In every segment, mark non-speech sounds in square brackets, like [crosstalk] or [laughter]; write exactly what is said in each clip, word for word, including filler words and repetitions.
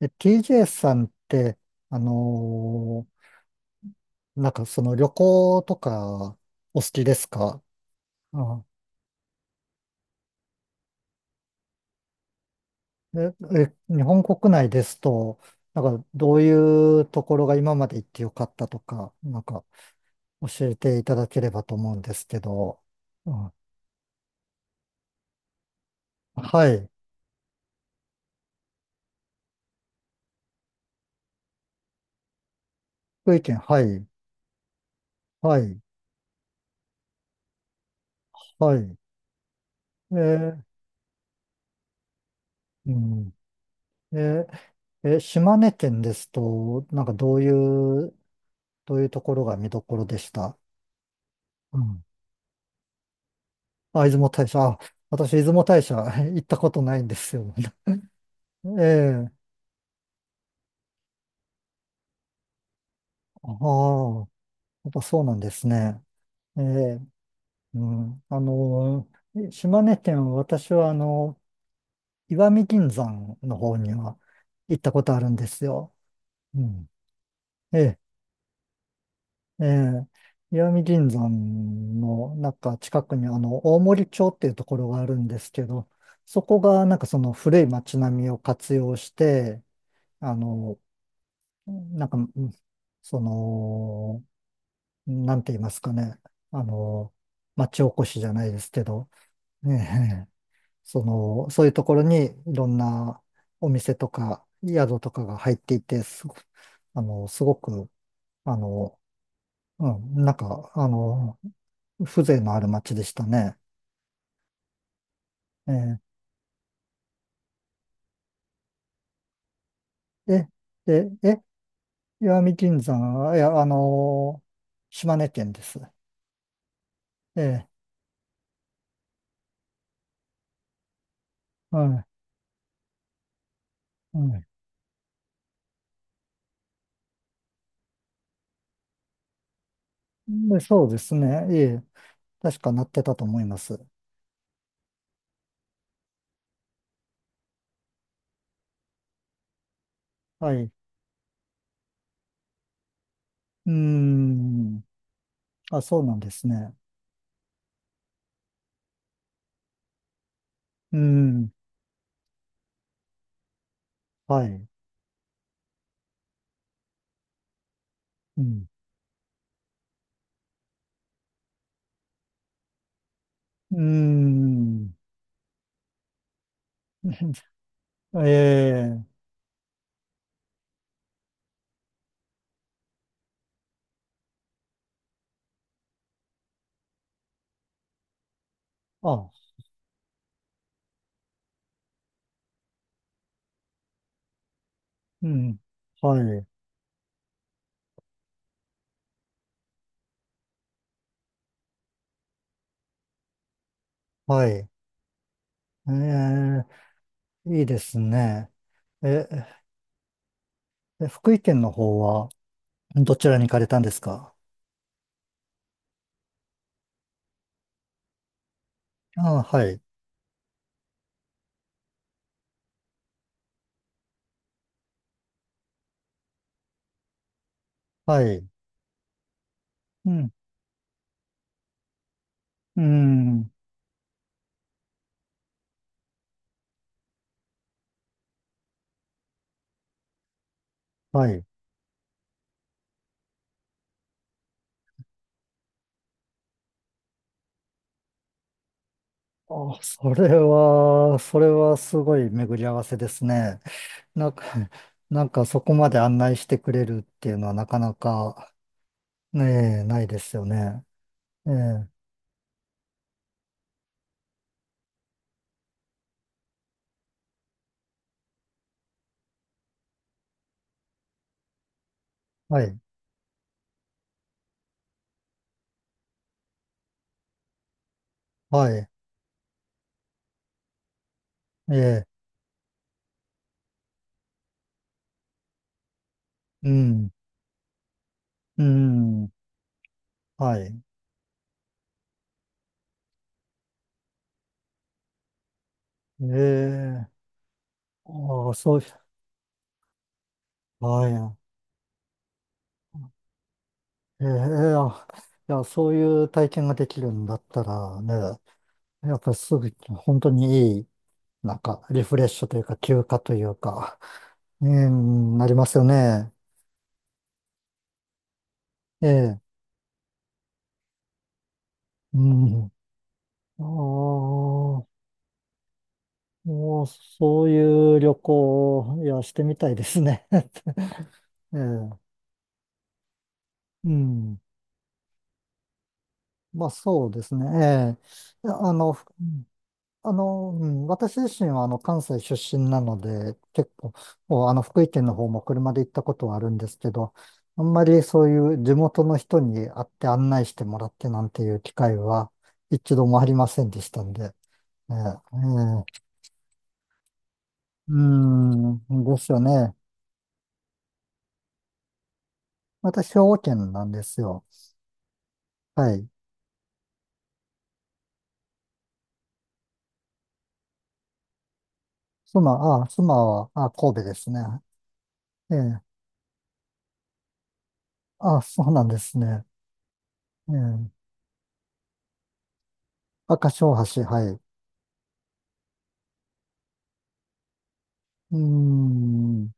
え、ティージェー さんって、あのーなんかその旅行とかお好きですか？あ、え、え、日本国内ですと、なんかどういうところが今まで行ってよかったとか、なんか教えていただければと思うんですけど。あ、はい。福井県、はい。はい。はい。えーうん。えー、え、島根県ですと、なんかどういう、どういうところが見どころでした？あ、出雲大社。あ、私、出雲大社 [laughs] 行ったことないんですよ。[laughs] ええ。ああ、やっぱそうなんですね。ええ。うん。あの、島根県は私は、あの、石見銀山の方には行ったことあるんですよ。うん。ええ。ええ。石見銀山の、なんか近くに、あの、大森町っていうところがあるんですけど、そこが、なんかその古い町並みを活用して、あの、なんか、うん、その、なんて言いますかね。あの、町おこしじゃないですけど、ねえ、[laughs] その、そういうところにいろんなお店とか宿とかが入っていて、すご、あの、すごく、あの、うん、なんか、あの、風情のある町でしたね。ええ、え、え、え、石見銀山、いや、あの、島根県です。ええ、はい、はい。で、そうですね。ええ、確かなってたと思います。はい。うーん。あ、そうなんですね。うーん。はい。うん。うーん。[laughs] ええ、あ、うん。はい。はい。ええ、いいですね。え、え福井県の方はどちらに行かれたんですか？ああ、はい。はい。うん。うん。はい。あ、それは、それはすごい巡り合わせですね。なんか、[laughs] なんかそこまで案内してくれるっていうのはなかなか、ねえ、ないですよね。ええ、はい、はい、ええ、うん、うん、はい。ええ、ああ、そう、はい。ええ、あいや、そういう体験ができるんだったらね、やっぱりすぐ、本当にいい、なんか、リフレッシュというか、休暇というか、ええ、なりますよね。ええ、うん。ああ。もう、そういう旅行を、いや、してみたいですね。[laughs] ええ、うん。まあ、そうですね。ええ。いや、あの、ふあの、うん、私自身は、あの、関西出身なので、結構、もう、あの、福井県の方も車で行ったことはあるんですけど、あんまりそういう地元の人に会って案内してもらってなんていう機会は一度もありませんでしたんで。ええ、ええ、うん、ですよね。私、兵庫県なんですよ。はい。妻、あ、妻は、あ、神戸ですね。ええ。あ、そうなんですね。ええ。赤潮橋、はい。うーん。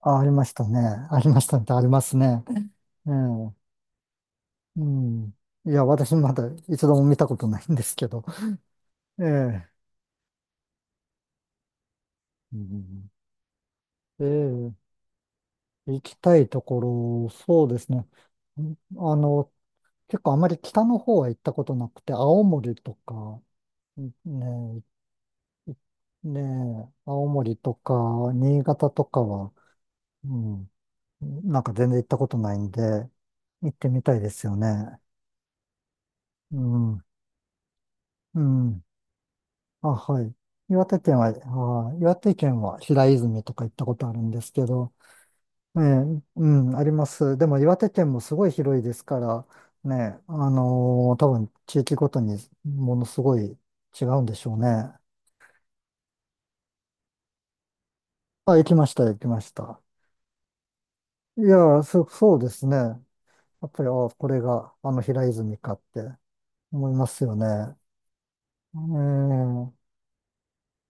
あ、ありましたね。ありましたね。ありますね。ええ。うん。いや、私まだ一度も見たことないんですけど。ええ。うん、ええ。行きたいところ、そうですね。んあの、結構あまり北の方は行ったことなくて、青森とか、ね、ねえ、青森とか新潟とかは、うん、なんか全然行ったことないんで、行ってみたいですよね。うん、うん。あ、はい。岩手県は、あー、岩手県は平泉とか行ったことあるんですけど、ええ、うん、あります。でも岩手県もすごい広いですから、ねえ、あのー多分地域ごとにものすごい違うんでしょうね。あ、行きました、行きました。いや、そ、そうですね。やっぱり、ああ、これがあの平泉かって思いますよね。ええ、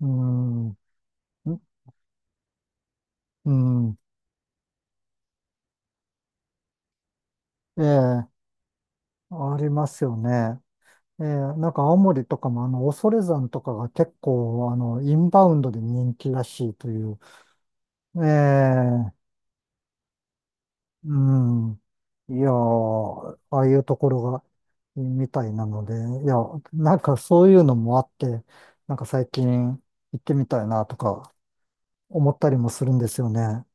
うん、んうん、ええ、ありますよね。ええ、なんか青森とかもあの、恐山とかが結構あの、インバウンドで人気らしいという。ええ、うん。いやー、ああいうところが、みたいなので、いや、なんかそういうのもあって、なんか最近行ってみたいなとか思ったりもするんですよね。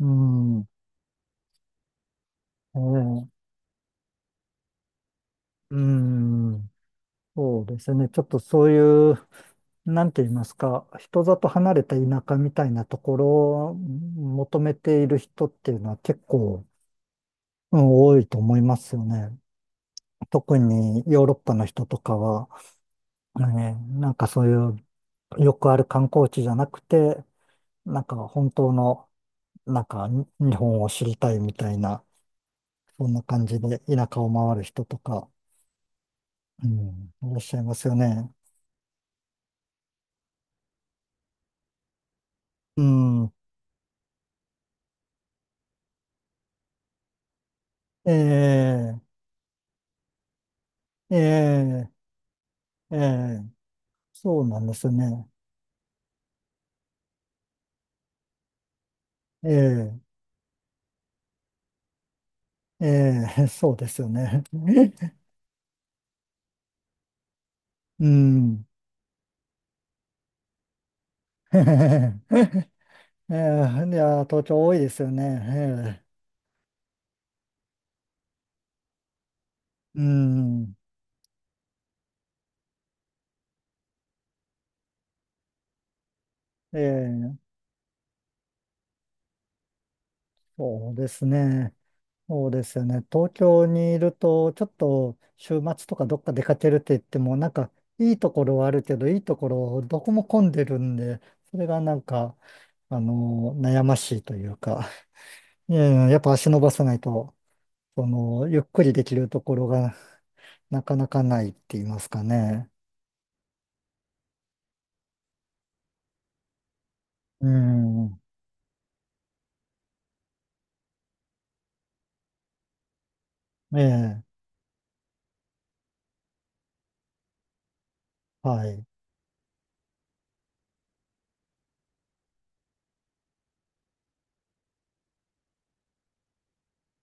うん、ええ、うん、そうですね。ちょっとそういう、なんて言いますか、人里離れた田舎みたいなところを求めている人っていうのは結構、うん、多いと思いますよね。特にヨーロッパの人とかは、ね、なんかそういうよくある観光地じゃなくて、なんか本当の、なんかに日本を知りたいみたいな、そんな感じで田舎を回る人とか、うん、いらっしゃいますよね。うん。ええ、ええ、ええ、そうなんですね。ええ、ええ、[laughs] そうですよね。[laughs] うん。[laughs] ええ、いや、東京多いですよね。ええ、うん。ええ、そうですね。そうですよね。東京にいると、ちょっと週末とかどっか出かけるって言っても、なんか、いいところはあるけど、いいところどこも混んでるんで、それがなんか、あの、悩ましいというか。いやいや、やっぱ足伸ばさないと、その、ゆっくりできるところがなかなかないって言いますかね。うん。ええ、はい。